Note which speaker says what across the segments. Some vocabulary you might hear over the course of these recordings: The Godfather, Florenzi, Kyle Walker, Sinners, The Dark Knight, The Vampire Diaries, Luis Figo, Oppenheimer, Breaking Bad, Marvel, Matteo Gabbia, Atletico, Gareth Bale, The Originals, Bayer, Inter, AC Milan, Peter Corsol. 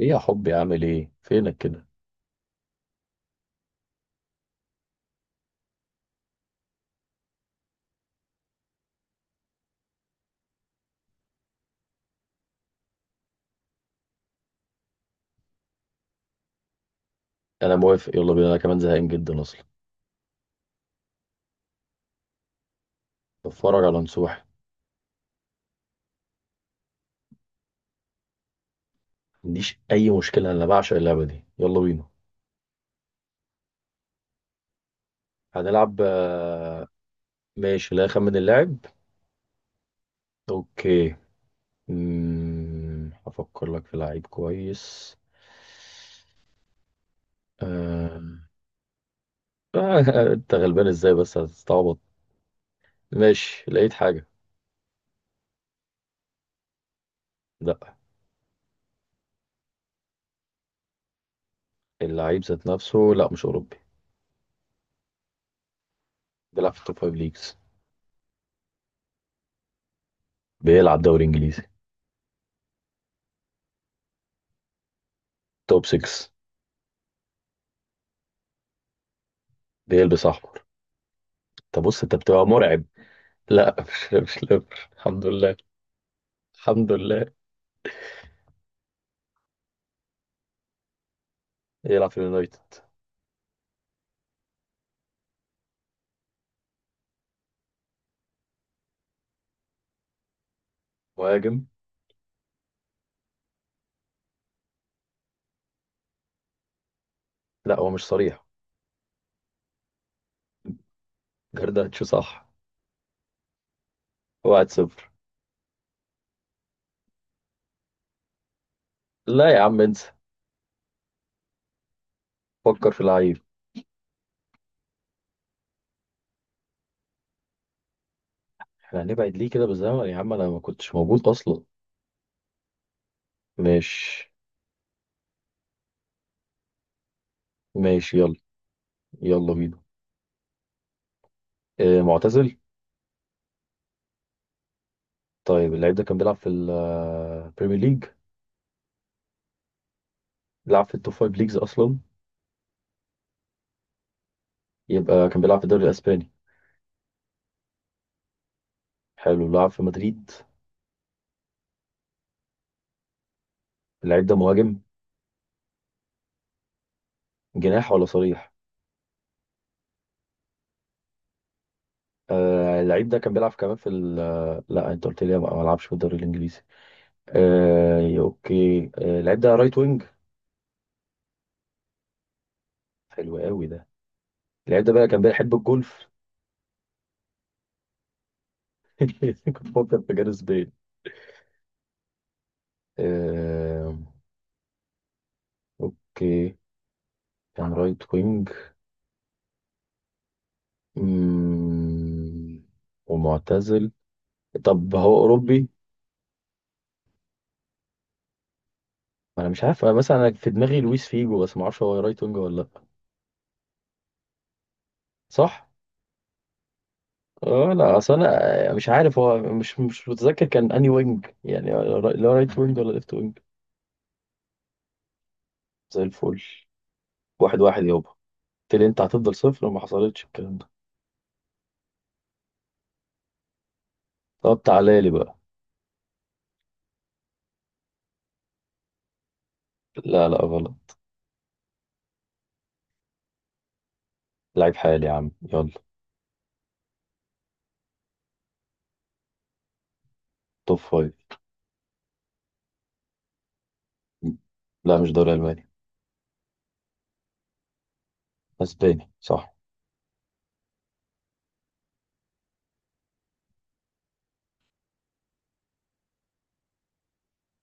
Speaker 1: ايه يا حبي عامل ايه فينك كده. انا موافق يلا بينا، انا كمان زهقان جدا اصلا. بتفرج على نصوح. ما عنديش اي مشكله، انا بعشق اللعبه دي يلا بينا. هنلعب. ماشي، لا اخمن اللاعب. اوكي. هفكر لك في لعيب كويس. آه... آه، انت غلبان ازاي بس، هتستعبط. ماشي لقيت حاجه. لا، اللعيب ذات نفسه، لا مش اوروبي. بيلعب في التوب 5 ليجز. بيلعب دوري انجليزي. توب 6. بيلبس احمر. طب بص انت بتبقى مرعب. لا مش ليفر الحمد لله. الحمد لله. يلعب في اليونايتد. مهاجم. لا هو مش صريح. جرداتشو، صح. 1-0. لا يا عم انسى. فكر في اللعيب. احنا هنبعد ليه كده بالزمن يا عم، انا ما كنتش موجود اصلا. ماشي. ماشي يلا. يلا بينا. اه، معتزل. طيب اللعيب ده كان بيلعب في البريمير ليج؟ لعب في التوب فايف ليجز اصلا. يبقى كان بيلعب في الدوري الاسباني. حلو، لعب في مدريد. اللعيب ده مهاجم. جناح ولا صريح؟ آه، اللعيب ده كان بيلعب كمان في ال آه، لا انت قلت لي ما لعبش في الدوري الانجليزي. آه اوكي. اللعيب ده رايت وينج. حلو قوي ده. اللعيب ده بقى كان بيحب الجولف. كنت بفكر في جاريث بيل. آه اوكي. كان رايت وينج. مم، ومعتزل. طب هو اوروبي؟ انا مش عارف، أنا مثلا انا في دماغي لويس فيجو بس ما اعرفش هو رايت وينج ولا لا. صح. اه لا اصل انا، مش عارف هو مش متذكر كان اني وينج، يعني اللي هو رايت وينج ولا ليفت وينج. زي الفل. واحد واحد يابا. قلت لي انت هتفضل صفر وما حصلتش الكلام ده. طب تعالى لي بقى. لا لا غلط. لعيب حالي يا عم يلا. توب فايف. لا مش دوري الماني. اسباني، صح.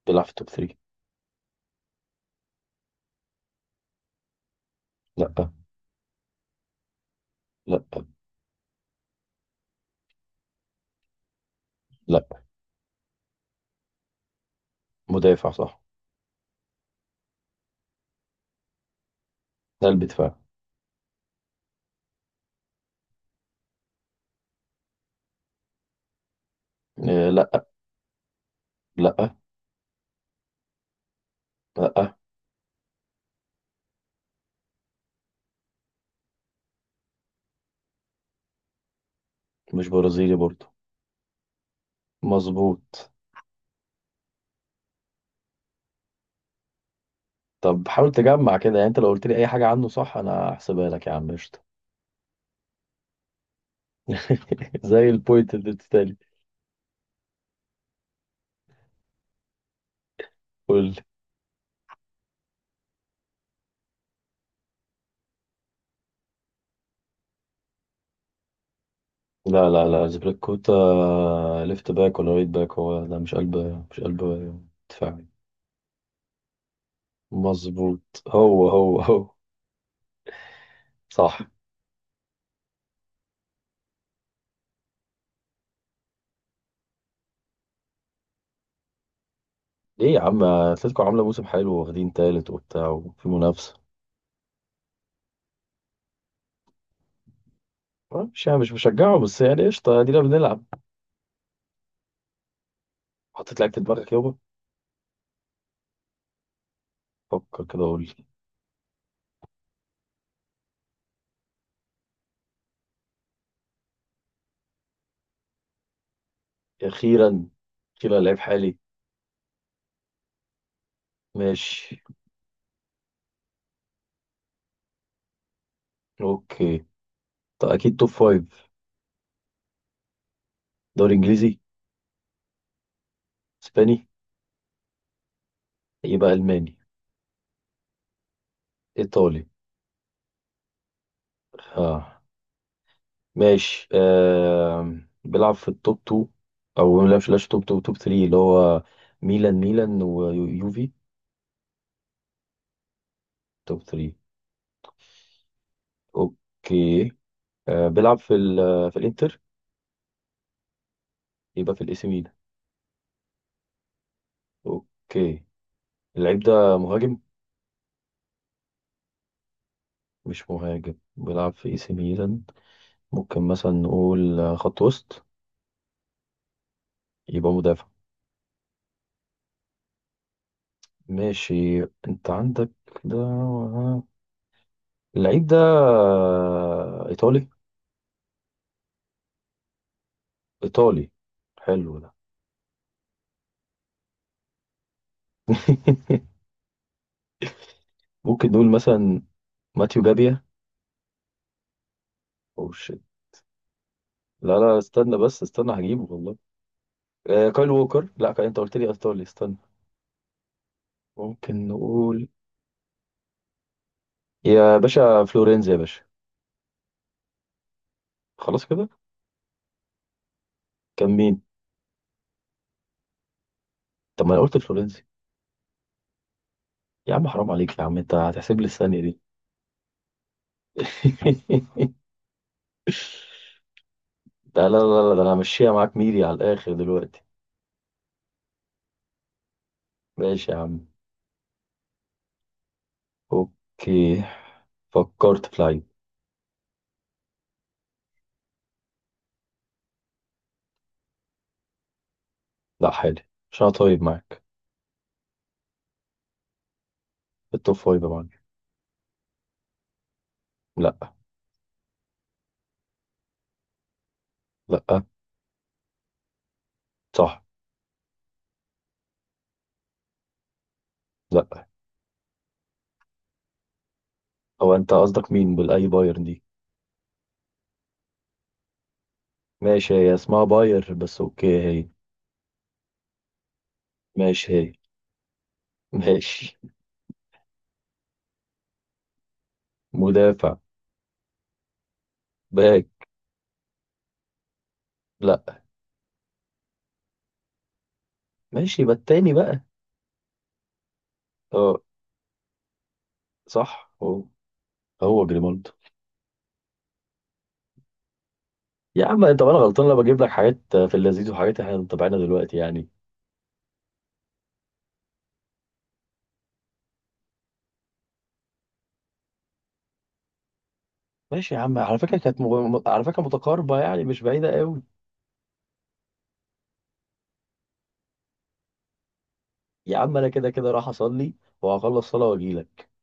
Speaker 1: بيلعب في توب 3. لا. لا. لا. مدافع، صح. قلب دفاع. لا. لا. لا مش برازيلي برضه. مظبوط. طب حاول تجمع كده، يعني انت لو قلت لي اي حاجه عنه صح انا هحسبها لك يا عم قشطه. زي البوينت اللي بتتقال. قول لي. لا لا لا زبريكوتا. ليفت باك ولا رايت باك، هو لا مش قلب. مش قلب. دفاعي. مظبوط، هو هو هو. صح. ليه يا عم، اتلتيكو عامله موسم حلو، واخدين تالت وبتاع وفي منافسه. مش يعني مش بشجعه، بس يعني قشطه ادينا بنلعب. حطيت لعيبه في دماغك يابا؟ فكر كده قول لي. اخيرا. اخيرا لعيب حالي. ماشي. اوكي. طيب اكيد توب فايف. دوري انجليزي. اسباني. يبقى الماني. ايطالي. اه. ماشي. بيلعب في التوب 2. او لا مش لاش، توب 2 توب 3 اللي هو ميلان ميلان ويوفي. توب 3. اوكي. بيلعب في الانتر. يبقى في الاي سي ميلان. اوكي. اللعيب ده مهاجم. مش مهاجم بيلعب في اي سي ميلان. ممكن مثلا نقول خط وسط. يبقى مدافع. ماشي. انت عندك. ده. اللعيب ده. ايطالي. ايطالي. حلو ده. ممكن نقول مثلا ماتيو جابيا. او شيت. لا لا، استنى بس استنى هجيبه والله. كايل ووكر، لا كايل انت قلت لي ايطالي، استنى. ممكن نقول يا باشا فلورينز يا باشا. خلاص كده. كان مين؟ طب ما انا قلت فلورينز. يا عم حرام عليك يا عم، انت هتحسب لي الثانية دي. ده لا لا لا، ده انا همشيها معاك ميري على الاخر دلوقتي. ماشي يا عم. اوكي. فكرت في لعيب. لا، حالي. عشان أنا طيب معاك. التوب فايف يا معلم. لا. لا. صح. لا. هو أنت قصدك مين بالأي باير دي؟ ماشي هي اسمها باير بس أوكي هي. ماشي هي. ماشي. مدافع. باك. لا. ماشي يبقى التاني بقى. أه. صح هو. هو جريمالدو. يا عم أنت، أنا غلطان لما بجيب لك حاجات في اللذيذ وحاجات إحنا متابعينها دلوقتي يعني. ماشي يا عم، على فكرة كانت على فكرة متقاربة يعني مش بعيدة قوي. يا عم أنا كده كده راح أصلي، وهخلص صلاة وأجيلك.